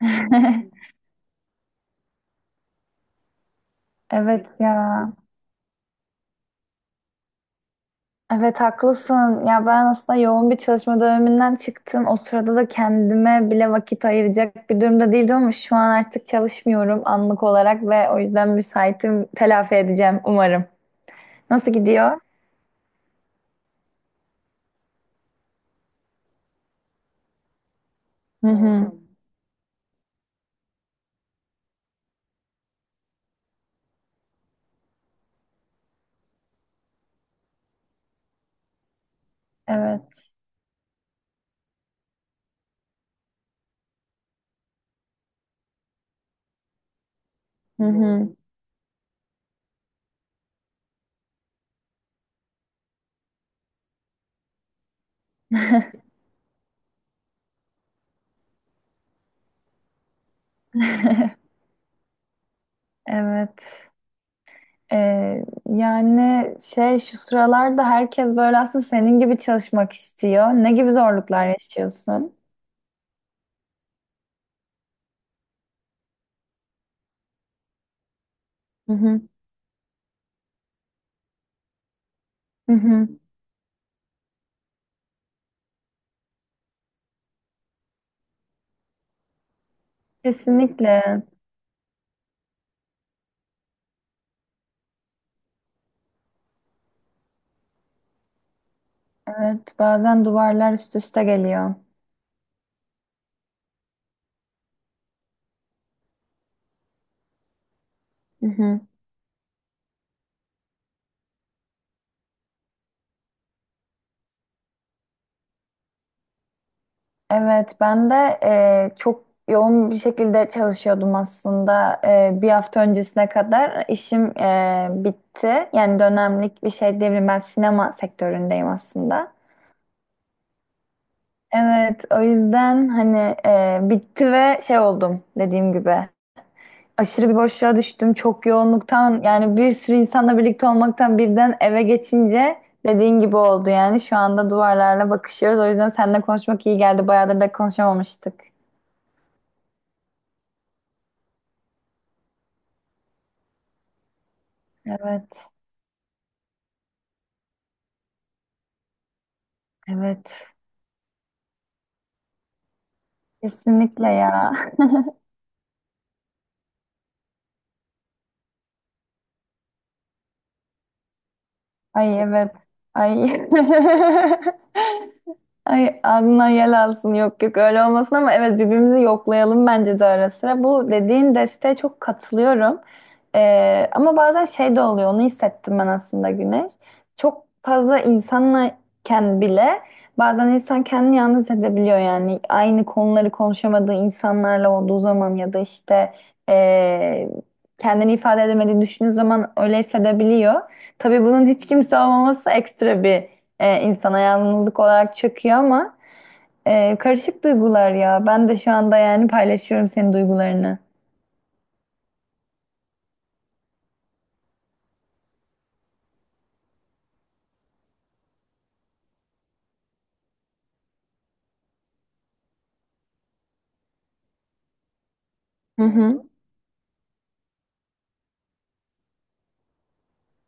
Evet ya. Evet haklısın. Ya ben aslında yoğun bir çalışma döneminden çıktım. O sırada da kendime bile vakit ayıracak bir durumda değildim ama şu an artık çalışmıyorum anlık olarak ve o yüzden müsaitim. Telafi edeceğim umarım. Nasıl gidiyor? Hı hı. Evet. Hı hı. Evet. Ee, yani şu sıralarda herkes böyle aslında senin gibi çalışmak istiyor. Ne gibi zorluklar yaşıyorsun? Hı hı. Hı hı. Kesinlikle. Evet, bazen duvarlar üst üste geliyor. Hı hı. Evet, ben de çok yoğun bir şekilde çalışıyordum aslında. Bir hafta öncesine kadar işim bitti. Yani dönemlik bir şey diyebilirim. Ben sinema sektöründeyim aslında. Evet, o yüzden hani bitti ve oldum dediğim gibi. Aşırı bir boşluğa düştüm. Çok yoğunluktan yani bir sürü insanla birlikte olmaktan birden eve geçince dediğin gibi oldu yani. Şu anda duvarlarla bakışıyoruz. O yüzden seninle konuşmak iyi geldi. Bayağıdır da konuşamamıştık. Evet. Evet. Kesinlikle ya. Ay evet. Ay. Ay ağzından yel alsın, yok yok, öyle olmasın ama evet birbirimizi yoklayalım bence de ara sıra. Bu dediğin desteğe çok katılıyorum. Ama bazen de oluyor, onu hissettim ben aslında Güneş. Çok fazla insanken bile bazen insan kendini yalnız hissedebiliyor yani. Aynı konuları konuşamadığı insanlarla olduğu zaman ya da işte ee, kendini ifade edemediği düşündüğü zaman öyle hissedebiliyor. Tabii bunun hiç kimse olmaması ekstra bir insana yalnızlık olarak çöküyor ama karışık duygular ya. Ben de şu anda yani paylaşıyorum senin duygularını. Hı hı.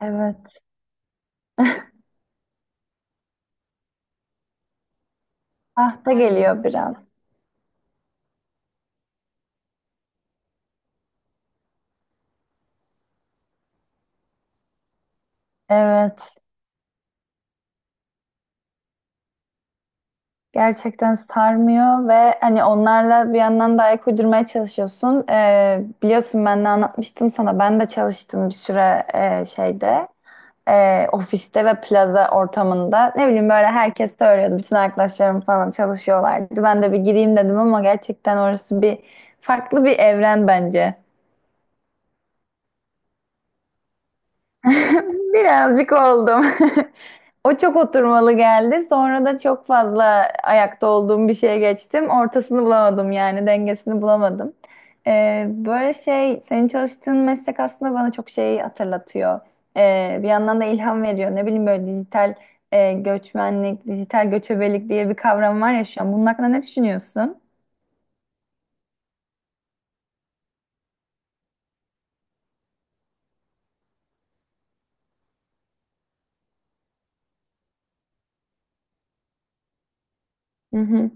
Evet. Ah da geliyor biraz. Evet. Gerçekten sarmıyor ve hani onlarla bir yandan da ayak uydurmaya çalışıyorsun. Biliyorsun ben de anlatmıştım sana. Ben de çalıştım bir süre şeyde. Ofiste ve plaza ortamında ne bileyim böyle herkes söylüyordu. Bütün arkadaşlarım falan çalışıyorlardı. Ben de bir gireyim dedim ama gerçekten orası bir farklı bir evren bence. Birazcık oldum. O çok oturmalı geldi. Sonra da çok fazla ayakta olduğum bir şeye geçtim. Ortasını bulamadım yani dengesini bulamadım. Böyle senin çalıştığın meslek aslında bana çok şey hatırlatıyor. Bir yandan da ilham veriyor. Ne bileyim böyle dijital göçmenlik, dijital göçebelik diye bir kavram var ya şu an. Bunun hakkında ne düşünüyorsun? Hı hı.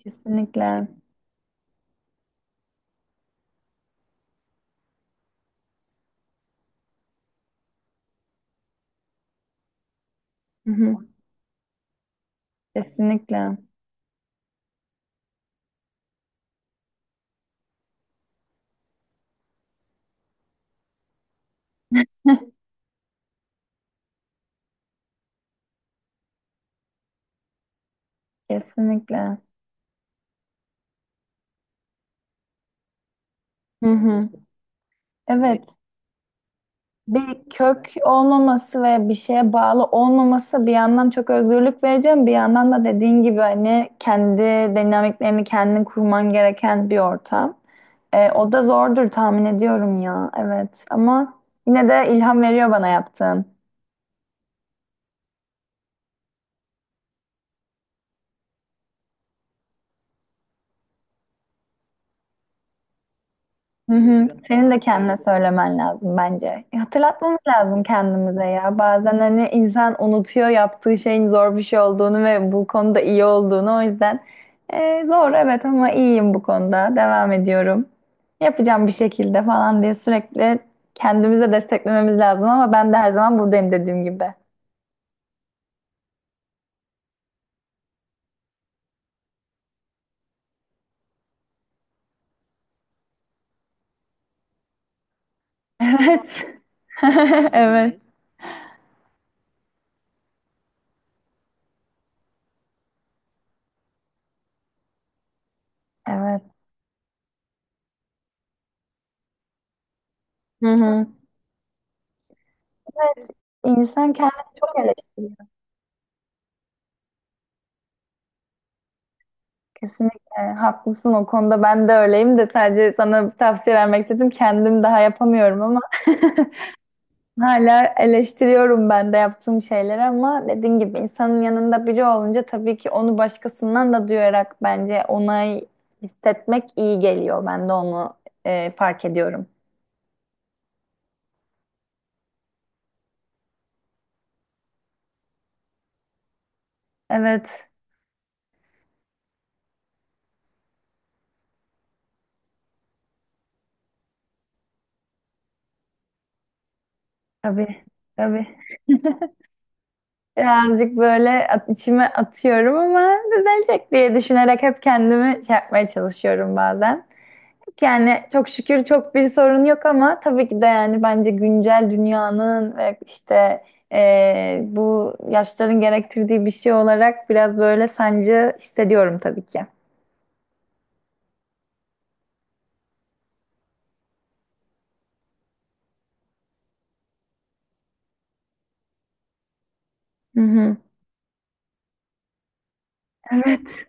Kesinlikle. Hı hı. Kesinlikle. Kesinlikle. Hı hı. Evet. Bir kök olmaması ve bir şeye bağlı olmaması bir yandan çok özgürlük vereceğim, bir yandan da dediğin gibi hani kendi dinamiklerini kendin kurman gereken bir ortam. O da zordur tahmin ediyorum ya. Evet ama yine de ilham veriyor bana yaptığın. Hı hı. Senin de kendine söylemen lazım bence. Hatırlatmamız lazım kendimize ya. Bazen hani insan unutuyor yaptığı şeyin zor bir şey olduğunu ve bu konuda iyi olduğunu. O yüzden zor evet ama iyiyim bu konuda. Devam ediyorum. Yapacağım bir şekilde falan diye sürekli kendimize desteklememiz lazım ama ben de her zaman buradayım dediğim gibi. Evet. Evet. Evet. Hı hı. Evet. İnsan kendini çok eleştiriyor. Kesinlikle haklısın o konuda, ben de öyleyim de sadece sana bir tavsiye vermek istedim. Kendim daha yapamıyorum ama hala eleştiriyorum ben de yaptığım şeyleri, ama dediğin gibi insanın yanında biri olunca tabii ki onu başkasından da duyarak bence onay hissetmek iyi geliyor. Ben de onu fark ediyorum. Evet, tabii, tabii. Birazcık böyle içime atıyorum ama düzelecek diye düşünerek hep kendimi şey yapmaya çalışıyorum bazen. Yani çok şükür çok bir sorun yok ama tabii ki de yani bence güncel dünyanın ve işte bu yaşların gerektirdiği bir şey olarak biraz böyle sancı hissediyorum tabii ki. Hı hı. Evet.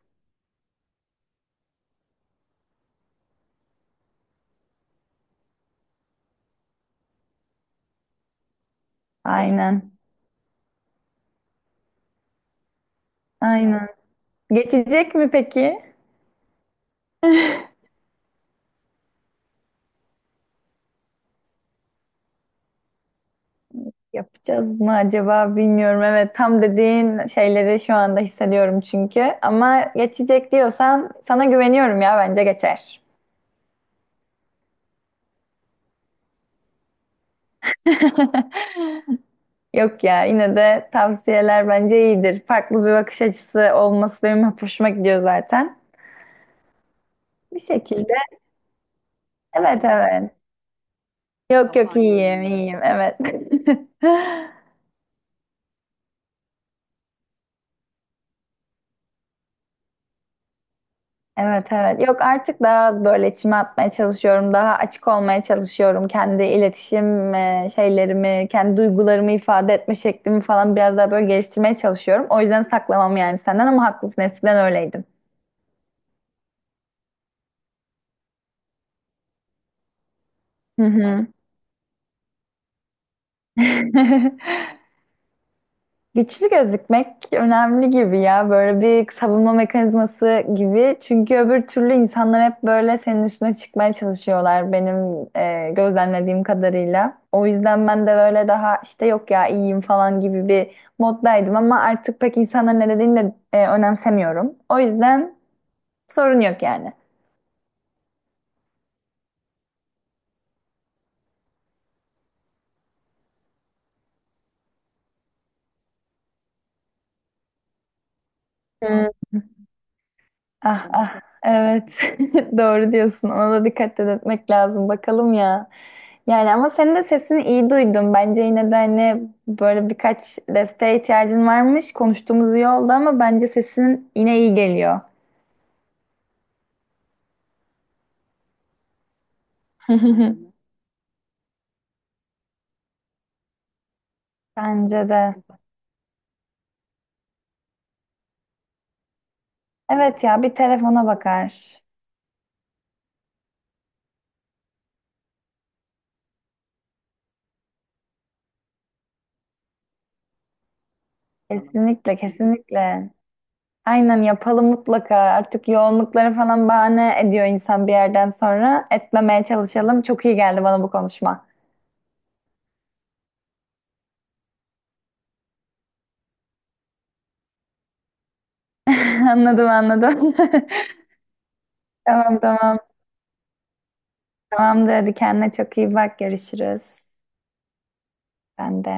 Aynen. Aynen. Geçecek mi peki? Yapacağız mı acaba bilmiyorum. Evet tam dediğin şeyleri şu anda hissediyorum çünkü. Ama geçecek diyorsan sana güveniyorum ya bence geçer. Yok ya yine de tavsiyeler bence iyidir. Farklı bir bakış açısı olması benim hep hoşuma gidiyor zaten. Bir şekilde evet, evet. Yok yok. Tamam. iyiyim iyiyim, evet. Evet, evet. Yok artık daha az böyle içime atmaya çalışıyorum. Daha açık olmaya çalışıyorum. Kendi iletişim şeylerimi, kendi duygularımı ifade etme şeklimi falan biraz daha böyle geliştirmeye çalışıyorum. O yüzden saklamam yani senden, ama haklısın. Eskiden öyleydim. Hı hı. Güçlü gözükmek önemli gibi ya. Böyle bir savunma mekanizması gibi. Çünkü öbür türlü insanlar hep böyle senin üstüne çıkmaya çalışıyorlar benim gözlemlediğim kadarıyla. O yüzden ben de böyle daha işte yok ya iyiyim falan gibi bir moddaydım, ama artık pek insanların ne dediğini de önemsemiyorum. O yüzden sorun yok yani. Hmm. Ah ah, evet, doğru diyorsun, ona da dikkat etmek lazım bakalım ya. Yani ama senin de sesini iyi duydum. Bence yine de hani böyle birkaç desteğe ihtiyacın varmış. Konuştuğumuz iyi oldu ama bence sesin yine iyi geliyor. Bence de. Evet ya, bir telefona bakar. Kesinlikle, kesinlikle. Aynen, yapalım mutlaka. Artık yoğunlukları falan bahane ediyor insan bir yerden sonra. Etmemeye çalışalım. Çok iyi geldi bana bu konuşma. Anladım, anladım. Tamam, tamam. Tamamdır, hadi kendine çok iyi bak, görüşürüz. Ben de.